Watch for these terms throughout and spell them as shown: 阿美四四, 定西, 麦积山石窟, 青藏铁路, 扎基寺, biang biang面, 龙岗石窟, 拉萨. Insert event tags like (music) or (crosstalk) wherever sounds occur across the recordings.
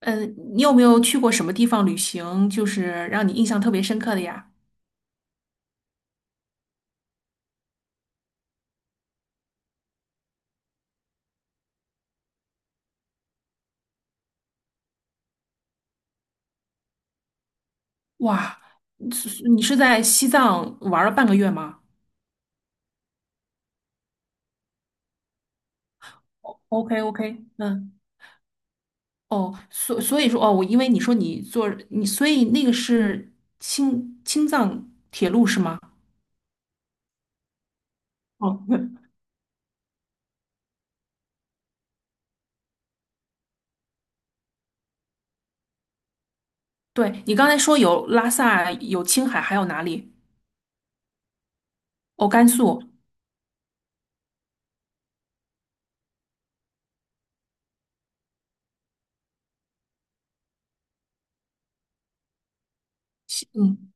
嗯，你有没有去过什么地方旅行，就是让你印象特别深刻的呀？哇，是在西藏玩了半个月吗？OK OK，嗯，哦，所以说哦，我因为你说你坐你，所以那个是青藏铁路是吗？哦，(laughs) 对，你刚才说有拉萨，有青海，还有哪里？哦，甘肃。嗯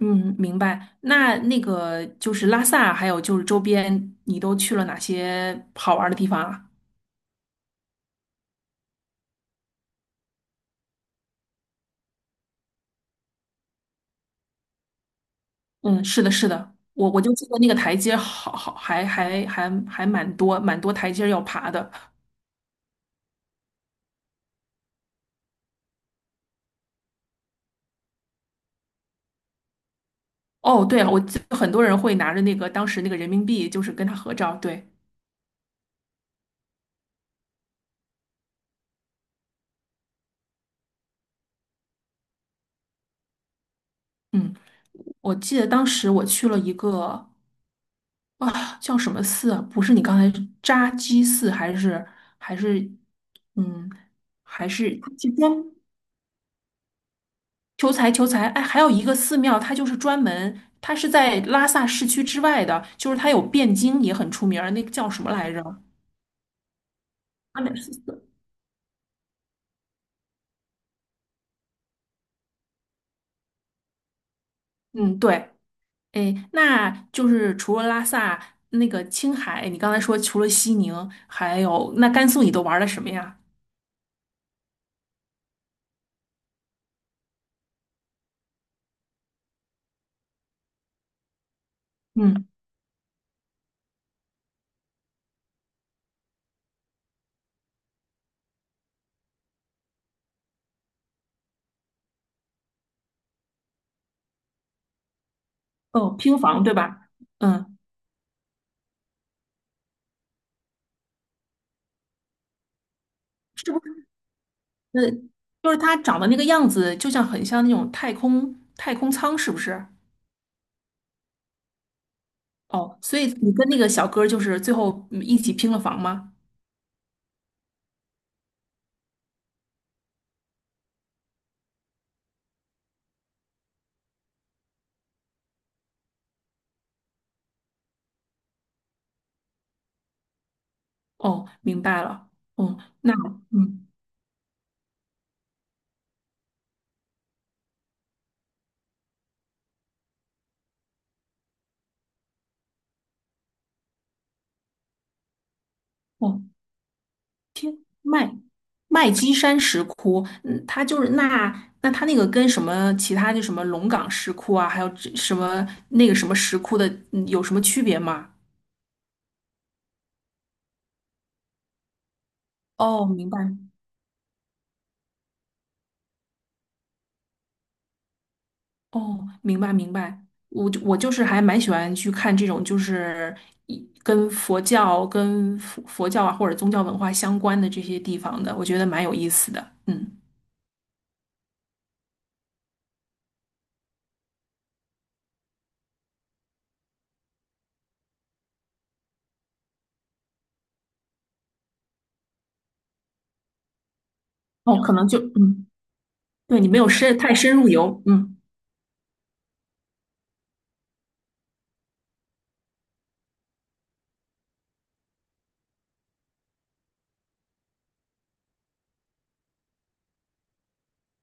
嗯，明白。那个就是拉萨，还有就是周边，你都去了哪些好玩的地方啊？嗯，是的，是的，我就记得那个台阶好还蛮多台阶要爬的。哦，对了，我记得很多人会拿着那个当时那个人民币，就是跟他合照。对，嗯，我记得当时我去了一个叫什么寺啊？不是你刚才扎基寺还是还是嗯还是是求财？哎，还有一个寺庙，它就是专门它是在拉萨市区之外的，就是它有汴京也很出名儿，那个叫什么来着？阿美四四。嗯，对，哎，那就是除了拉萨，那个青海，你刚才说除了西宁，还有那甘肃，你都玩了什么呀？嗯，哦，拼房对吧？嗯，是不是？呃，就是它长的那个样子，就像很像那种太空舱，是不是？哦，所以你跟那个小哥儿就是最后一起拼了房吗？哦，明白了。哦，那嗯，哦，麦麦积山石窟，嗯，它就是那那它那个跟什么其他就什么龙岗石窟啊，还有这什么那个什么石窟的，嗯有什么区别吗？哦，明白，哦，明白明白。我就是还蛮喜欢去看这种，就是跟佛教、跟佛教啊或者宗教文化相关的这些地方的，我觉得蛮有意思的。嗯，哦，可能就嗯，对你没有太深入游，嗯。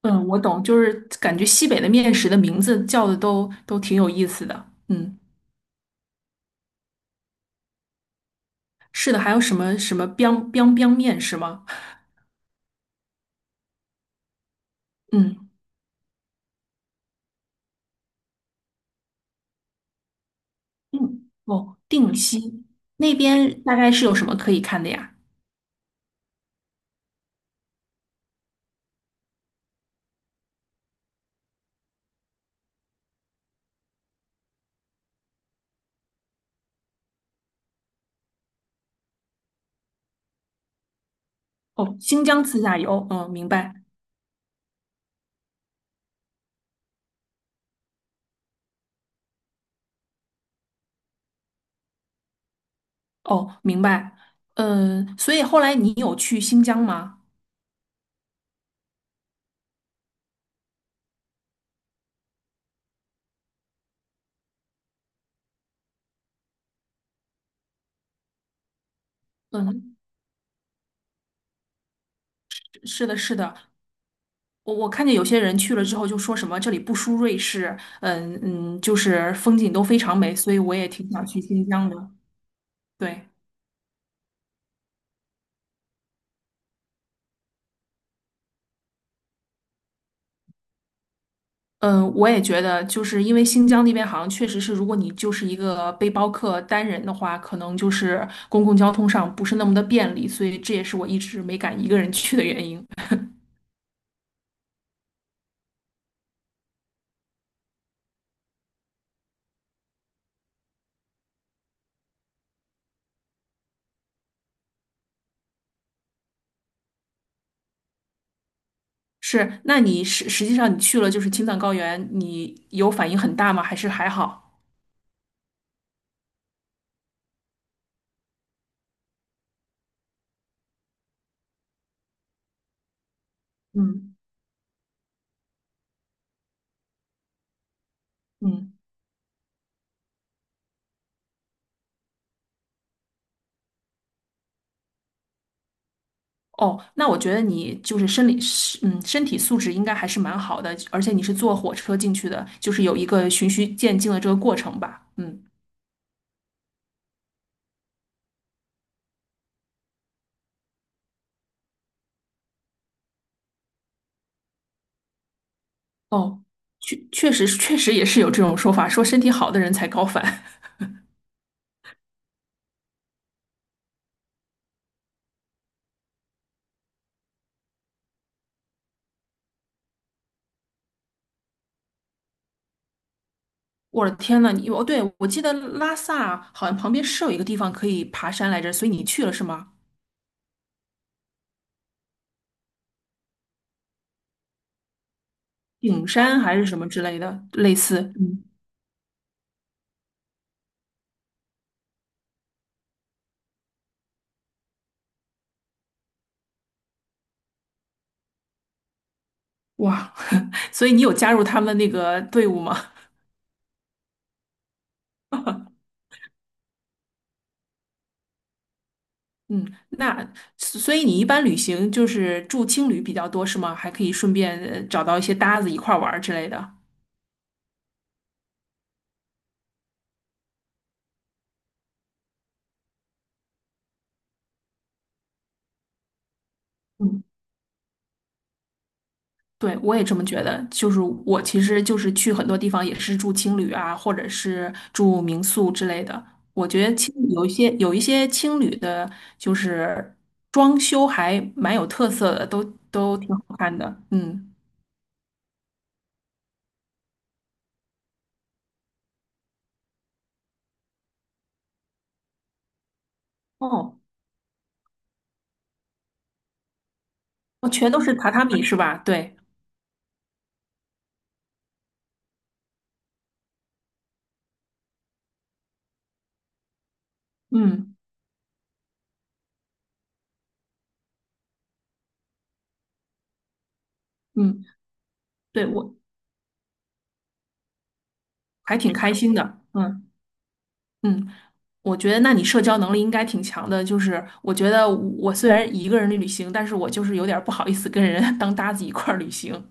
嗯，我懂，就是感觉西北的面食的名字叫的都挺有意思的。嗯，是的，还有什么 biang biang biang 面是吗？嗯，嗯，哦，定西那边大概是有什么可以看的呀？哦，新疆自驾游，嗯，明白。哦，明白。嗯，所以后来你有去新疆吗？嗯，是的，是的。我看见有些人去了之后就说什么这里不输瑞士，嗯嗯，就是风景都非常美，所以我也挺想去新疆的。对。嗯，我也觉得，就是因为新疆那边好像确实是，如果你就是一个背包客单人的话，可能就是公共交通上不是那么的便利，所以这也是我一直没敢一个人去的原因。是，那你实际上你去了就是青藏高原，你有反应很大吗？还是还好？嗯嗯。哦，那我觉得你就是生理，是嗯，身体素质应该还是蛮好的，而且你是坐火车进去的，就是有一个循序渐进的这个过程吧。嗯。哦，确实也是有这种说法，说身体好的人才高反。(laughs) 我的天呐，对，我记得拉萨好像旁边是有一个地方可以爬山来着，所以你去了是吗？顶山还是什么之类的，类似，嗯，哇，(laughs) 所以你有加入他们那个队伍吗？嗯，那所以你一般旅行就是住青旅比较多是吗？还可以顺便找到一些搭子一块儿玩儿之类的。嗯。对，我也这么觉得。就是我其实就是去很多地方也是住青旅啊，或者是住民宿之类的。我觉得青有一些青旅的，就是装修还蛮有特色的，都挺好看的。嗯，哦，哦，全都是榻榻米是吧？对，嗯嗯，对，我还挺开心的。嗯嗯，我觉得那你社交能力应该挺强的。就是我觉得我虽然一个人旅行，但是我就是有点儿不好意思跟人 (laughs) 当搭子一块儿旅行。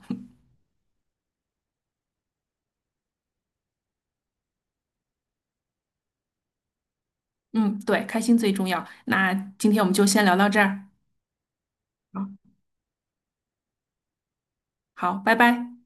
嗯，对，开心最重要。那今天我们就先聊到这儿。好，好，拜拜。